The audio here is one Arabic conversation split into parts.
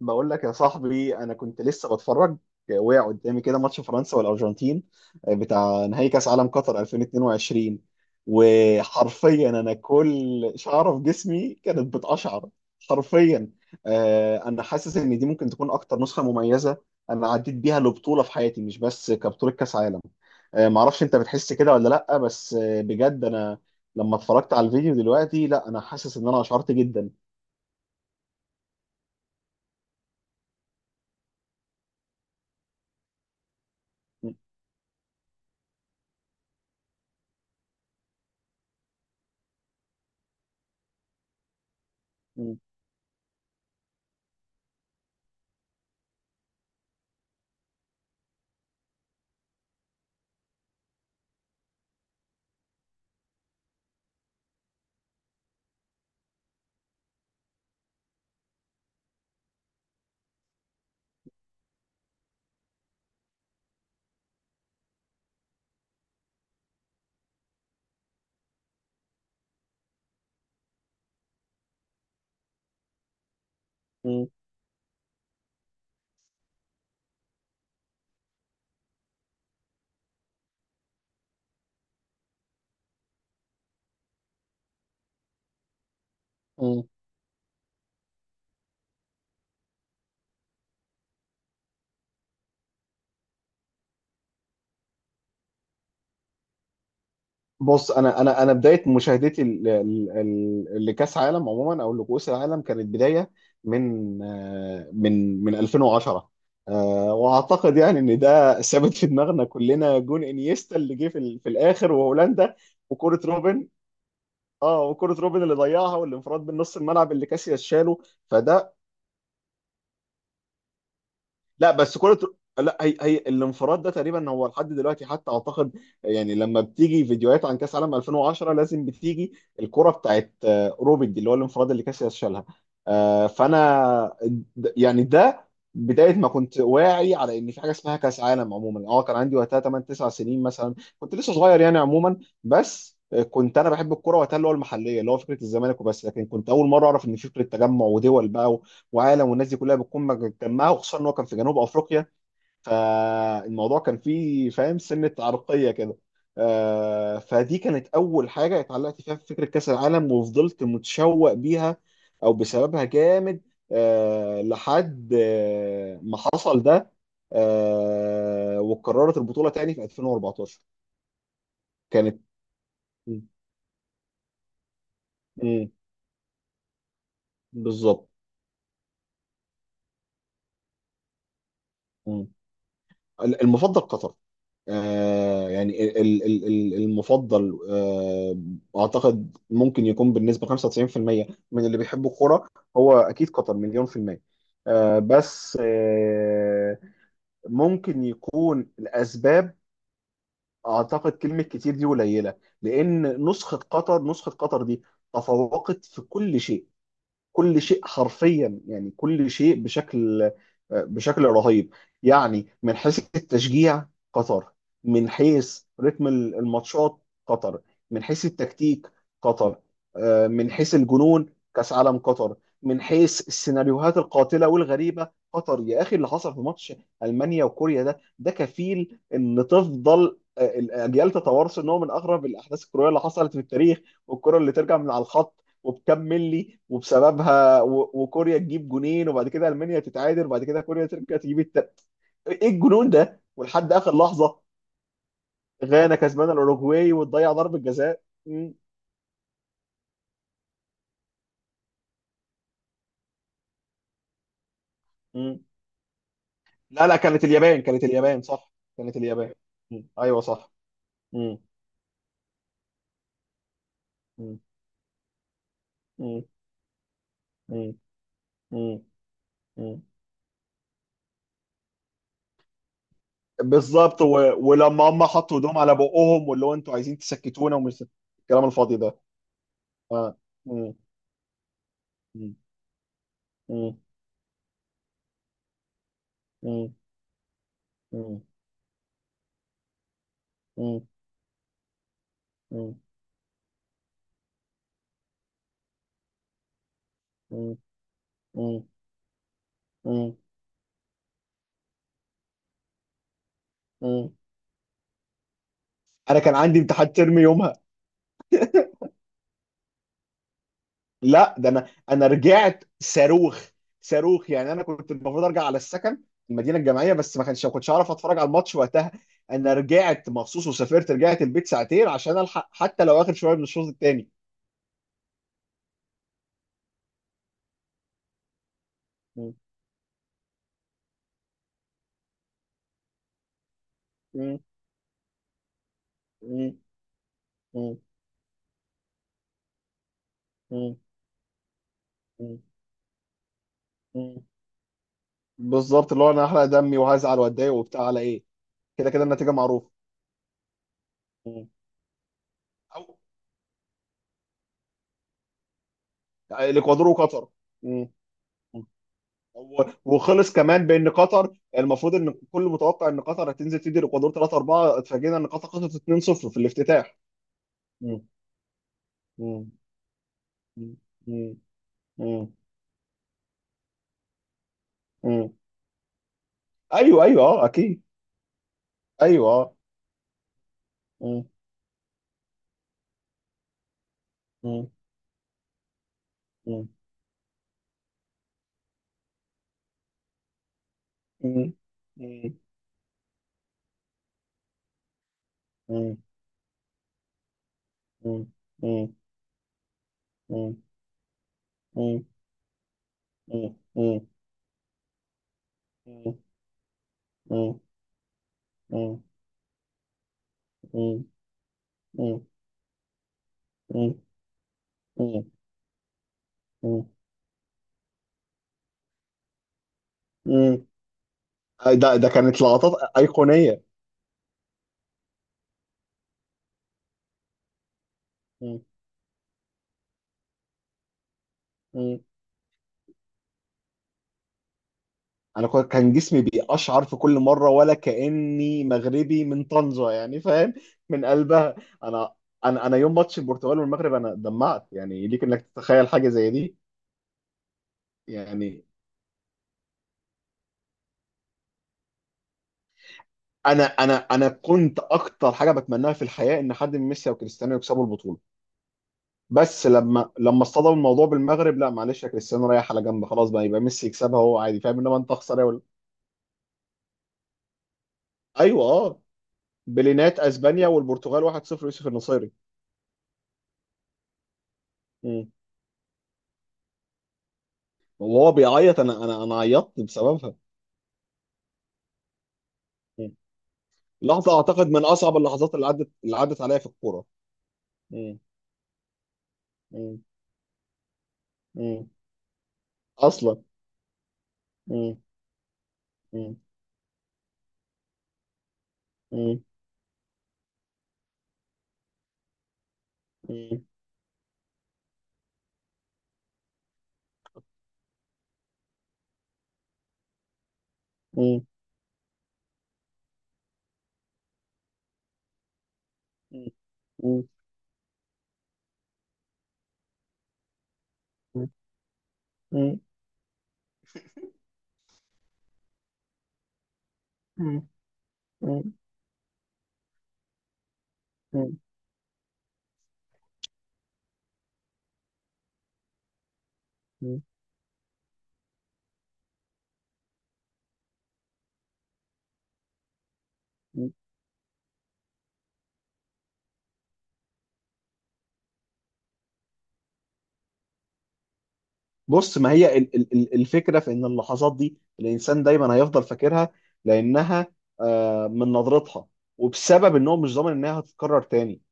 بقول لك يا صاحبي، انا كنت لسه بتفرج. وقع قدامي كده ماتش فرنسا والارجنتين، بتاع نهائي كاس عالم قطر 2022. وحرفيا انا كل شعره في جسمي كانت بتقشعر، حرفيا. انا حاسس ان دي ممكن تكون اكتر نسخه مميزه انا عديت بيها لبطوله في حياتي، مش بس كبطوله كاس عالم. معرفش انت بتحس كده ولا لا، بس بجد انا لما اتفرجت على الفيديو دلوقتي، لا انا حاسس ان اشعرت جدا. م- م- م- بص، انا بدايه مشاهدتي لكاس عالم عموما او لكؤوس العالم، كانت بدايه من من 2010. واعتقد يعني ان ده ثابت في دماغنا كلنا، جون انيستا اللي جه في الاخر وهولندا، وكره روبن. اه، وكره روبن اللي ضيعها، والانفراد من نص الملعب اللي كاسياس شاله. فده. لا بس كرة. لا، هي هي الانفراد ده تقريبا هو لحد دلوقتي حتى اعتقد، يعني لما بتيجي فيديوهات عن كاس عالم 2010 لازم بتيجي الكرة بتاعت روبن دي، اللي هو الانفراد اللي كاسياس شالها. فانا يعني ده بداية ما كنت واعي على ان في حاجة اسمها كاس عالم عموما. اه كان عندي وقتها 8 9 سنين مثلا، كنت لسه صغير يعني عموما. بس كنت انا بحب الكرة وقتها، اللي هو المحلية، اللي هو فكرة الزمالك وبس، لكن كنت اول مرة اعرف ان في فكرة تجمع ودول بقى وعالم، والناس دي كلها بتكون مجتمعه، وخصوصا ان هو كان في جنوب افريقيا، فالموضوع كان فيه فاهم سنه عرقيه كده. فدي كانت اول حاجه اتعلقت فيها في فكره كاس العالم، وفضلت متشوق بيها او بسببها جامد، لحد ما حصل ده. وقررت البطوله تاني في 2014 كانت. مم. مم. بالظبط. مم. المفضل قطر. يعني المفضل، اعتقد ممكن يكون بالنسبه 95% من اللي بيحبوا الكوره هو اكيد قطر مليون في الميه. آه بس آه ممكن يكون الاسباب، اعتقد كلمه كتير دي قليله، لان نسخه قطر، نسخه قطر دي تفوقت في كل شيء. كل شيء حرفيا، يعني كل شيء بشكل، بشكل رهيب. يعني من حيث التشجيع، قطر. من حيث رتم الماتشات، قطر. من حيث التكتيك، قطر. من حيث الجنون، كأس عالم قطر. من حيث السيناريوهات القاتلة والغريبة، قطر. يا أخي، اللي حصل في ماتش ألمانيا وكوريا ده، ده كفيل إن تفضل الأجيال تتوارث إن هو من أغرب الأحداث الكروية اللي حصلت في التاريخ. والكرة اللي ترجع من على الخط وبكام ملي وبسببها وكوريا تجيب جونين، وبعد كده المانيا تتعادل، وبعد كده كوريا ترجع تجيب التالت. ايه الجنون ده؟ ولحد اخر لحظه غانا كسبانه الاوروجواي وتضيع ضربه جزاء. مم. مم. لا لا كانت اليابان، كانت اليابان صح، كانت اليابان. مم. ايوه صح. مم. مم. مم. مم. مم. مم. بالظبط ولما هم حطوا ايدهم على بقهم، واللي هو انتوا عايزين تسكتونا ومش، الكلام الفاضي ده. اه. مم. مم. مم. مم. مم. مم. مم. مم. مم. مم. انا كان عندي امتحان ترم يومها. لا ده انا رجعت صاروخ. صاروخ، يعني انا كنت المفروض ارجع على السكن، المدينه الجامعيه، بس ما كانش، ما كنتش اعرف اتفرج على الماتش وقتها. انا رجعت مخصوص وسافرت، رجعت البيت ساعتين عشان الحق حتى لو اخر شويه من الشوط الثاني. بالظبط، اللي هو انا هحرق دمي وهزعل واتضايق وبتاع على ايه؟ كده كده النتيجه معروفه. مم. او الاكوادور وقطر. هو وخلص كمان بان قطر، المفروض ان كل متوقع ان قطر هتنزل تدي الاكوادور 3 4، اتفاجئنا ان قطر خسرت 2-0 في الافتتاح. مم. مم. مم. مم. مم. مم. ايوه ايوه، اه اكيد. ايوه اه. مم. مم. مم. مم. مم. مم. مم. مم. مم. مم. مم. مم. مم. مم. مم. مم. مم. مم. مم. ده ده كانت لقطات ايقونيه. انا كان جسمي بيقشعر في كل مره، ولا كاني مغربي من طنجه يعني، فاهم؟ من قلبها. انا انا يوم ماتش البرتغال والمغرب انا دمعت، يعني ليك انك تتخيل حاجه زي دي. يعني انا كنت اكتر حاجه بتمناها في الحياه ان حد من ميسي او كريستيانو يكسبوا البطوله، بس لما اصطدم الموضوع بالمغرب، لا معلش يا كريستيانو، رايح على جنب خلاص بقى، يبقى ميسي يكسبها هو عادي، فاهم؟ انما انت اخسر إيه ولا. ايوه اه. بلينات اسبانيا والبرتغال 1-0 يوسف النصيري. وهو بيعيط، انا عيطت بسببها. مم. لحظه اعتقد من اصعب اللحظات اللي عدت، اللي عدت عليا في الكوره. مم. مم. مم. اصلا. مم. مم. مم. مم. مم. مم. مم. مم. مم. مم. مم. مم. بص، ما هي الفكره في ان اللحظات دي الانسان دايما هيفضل فاكرها، لانها من نظرتها، وبسبب ان هو مش ضامن انها هتتكرر تاني،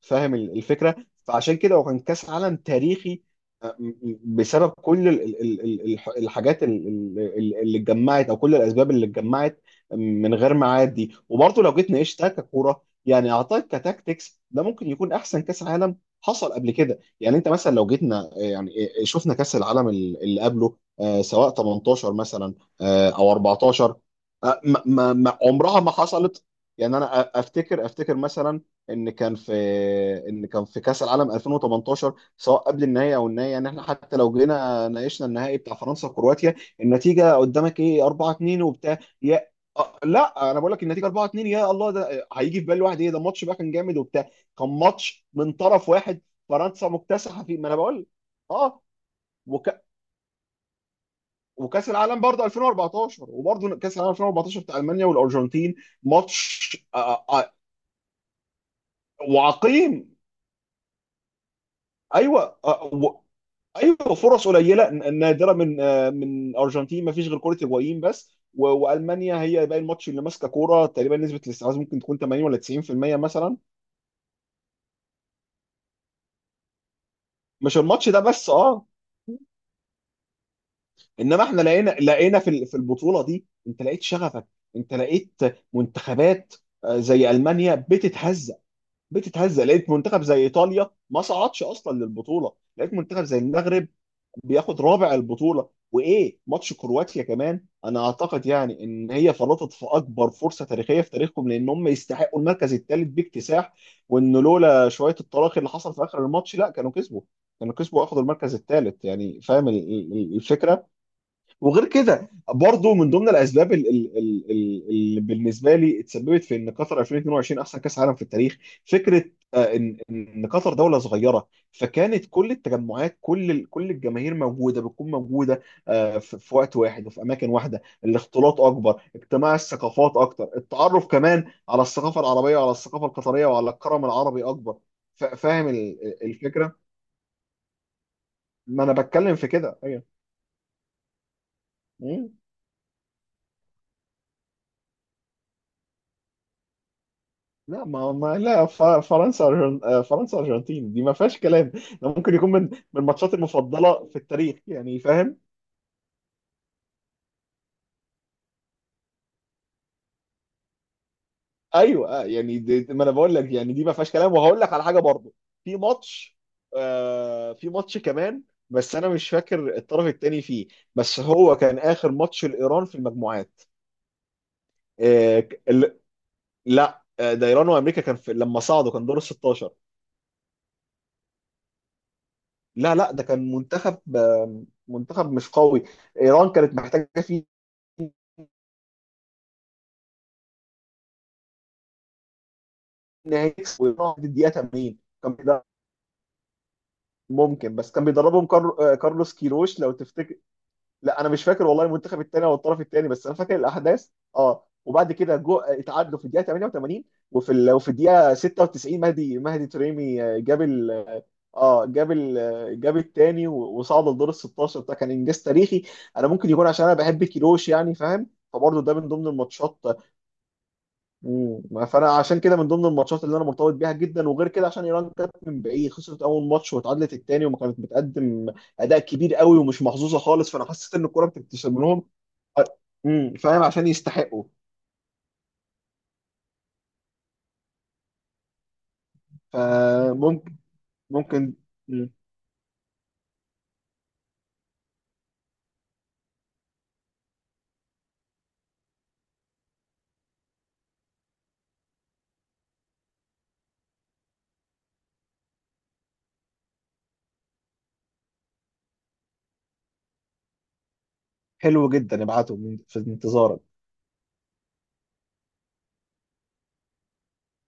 فاهم الفكره؟ فعشان كده هو كان كاس عالم تاريخي، بسبب كل الحاجات اللي اتجمعت، او كل الاسباب اللي اتجمعت من غير ميعاد دي. وبرضه لو جيت نعيشتها ككوره، يعني اعتقد كتاكتكس ده ممكن يكون احسن كاس عالم حصل قبل كده. يعني انت مثلا لو جيتنا يعني، شفنا كاس العالم اللي قبله، سواء 18 مثلا او 14، عمرها ما حصلت. يعني انا افتكر، افتكر مثلا ان كان في، ان كان في كاس العالم 2018 سواء قبل النهائي او النهائي، يعني احنا حتى لو جينا ناقشنا النهائي بتاع فرنسا وكرواتيا، النتيجه قدامك ايه؟ 4 2 وبتاع يا لا انا بقول لك النتيجه 4 2، يا الله ده هيجي في بال واحد ايه ده الماتش بقى كان جامد وبتاع؟ كان ماتش من طرف واحد، فرنسا مكتسحه فيه ما انا بقول لك. اه وك... وكاس العالم برضه 2014، وبرضه كاس العالم 2014 بتاع المانيا والارجنتين، ماتش وعقيم. ايوه ايوه، فرص قليله نادره من من ارجنتين، ما فيش غير كره هيجوين بس، والمانيا هي باقي الماتش اللي ماسكه كوره، تقريبا نسبه الاستحواذ ممكن تكون 80 ولا 90% مثلا. مش الماتش ده بس اه. انما احنا لقينا، لقينا في في البطوله دي انت لقيت شغفك، انت لقيت منتخبات زي المانيا بتتهزق، بتتهزق، لقيت منتخب زي ايطاليا ما صعدش اصلا للبطوله، لقيت منتخب زي المغرب بياخد رابع البطوله. وايه ماتش كرواتيا كمان؟ انا اعتقد يعني ان هي فرطت في اكبر فرصه تاريخيه في تاريخهم، لان هم يستحقوا المركز الثالث باكتساح، وان لولا شويه الطلاق اللي حصل في اخر الماتش، لا كانوا كسبوا، كانوا كسبوا واخدوا المركز الثالث. يعني فاهم الفكره؟ وغير كده برضو، من ضمن الاسباب اللي بالنسبه لي اتسببت في ان قطر 2022 احسن كاس عالم في التاريخ، فكره ان قطر دوله صغيره، فكانت كل التجمعات، كل كل الجماهير موجوده، بتكون موجوده في في وقت واحد وفي اماكن واحده، الاختلاط اكبر، اجتماع الثقافات اكتر، التعرف كمان على الثقافه العربيه وعلى الثقافه القطريه وعلى الكرم العربي اكبر، فاهم الفكره؟ ما انا بتكلم في كده. ايوه. لا ما ما لا، فرنسا فرنسا ارجنتين دي ما فيهاش كلام، ده ممكن يكون من من الماتشات المفضله في التاريخ، يعني فاهم. ايوه يعني دي ما انا بقول لك يعني دي ما فيهاش كلام. وهقول لك على حاجه برضه، في ماتش، في ماتش كمان، بس انا مش فاكر الطرف الثاني فيه، بس هو كان اخر ماتش لايران في المجموعات. آه ك- ال- لا ده ايران وامريكا كان في لما صعدوا، كان دور ال 16. لا لا، ده كان منتخب منتخب مش قوي، ايران كانت محتاجه فيه ان هيكسب، ويقع في الدقيقه 80. كان بيدرب، ممكن، بس كان بيدربهم كارلوس كيروش لو تفتكر. لا انا مش فاكر والله المنتخب الثاني او الطرف الثاني، بس انا فاكر الاحداث. اه، وبعد كده جو اتعادلوا في الدقيقه 88، وفي الدقيقه 96 مهدي، مهدي تريمي جاب ال... آه، جاب الثاني وصعد لدور ال 16، ده كان انجاز تاريخي. انا ممكن يكون عشان انا بحب كيروش يعني فاهم، فبرضه ده من ضمن الماتشات. مم. فانا عشان كده من ضمن الماتشات اللي انا مرتبط بيها جدا. وغير كده، عشان ايران كانت من بعيد خسرت اول ماتش، واتعادلت التاني، وما كانت بتقدم اداء كبير قوي، ومش محظوظه خالص، فانا حسيت ان الكوره بتكتسب لهم. فاهم، عشان يستحقوا. فممكن، ممكن. مم. حلو جدا، ابعتهم في انتظارك.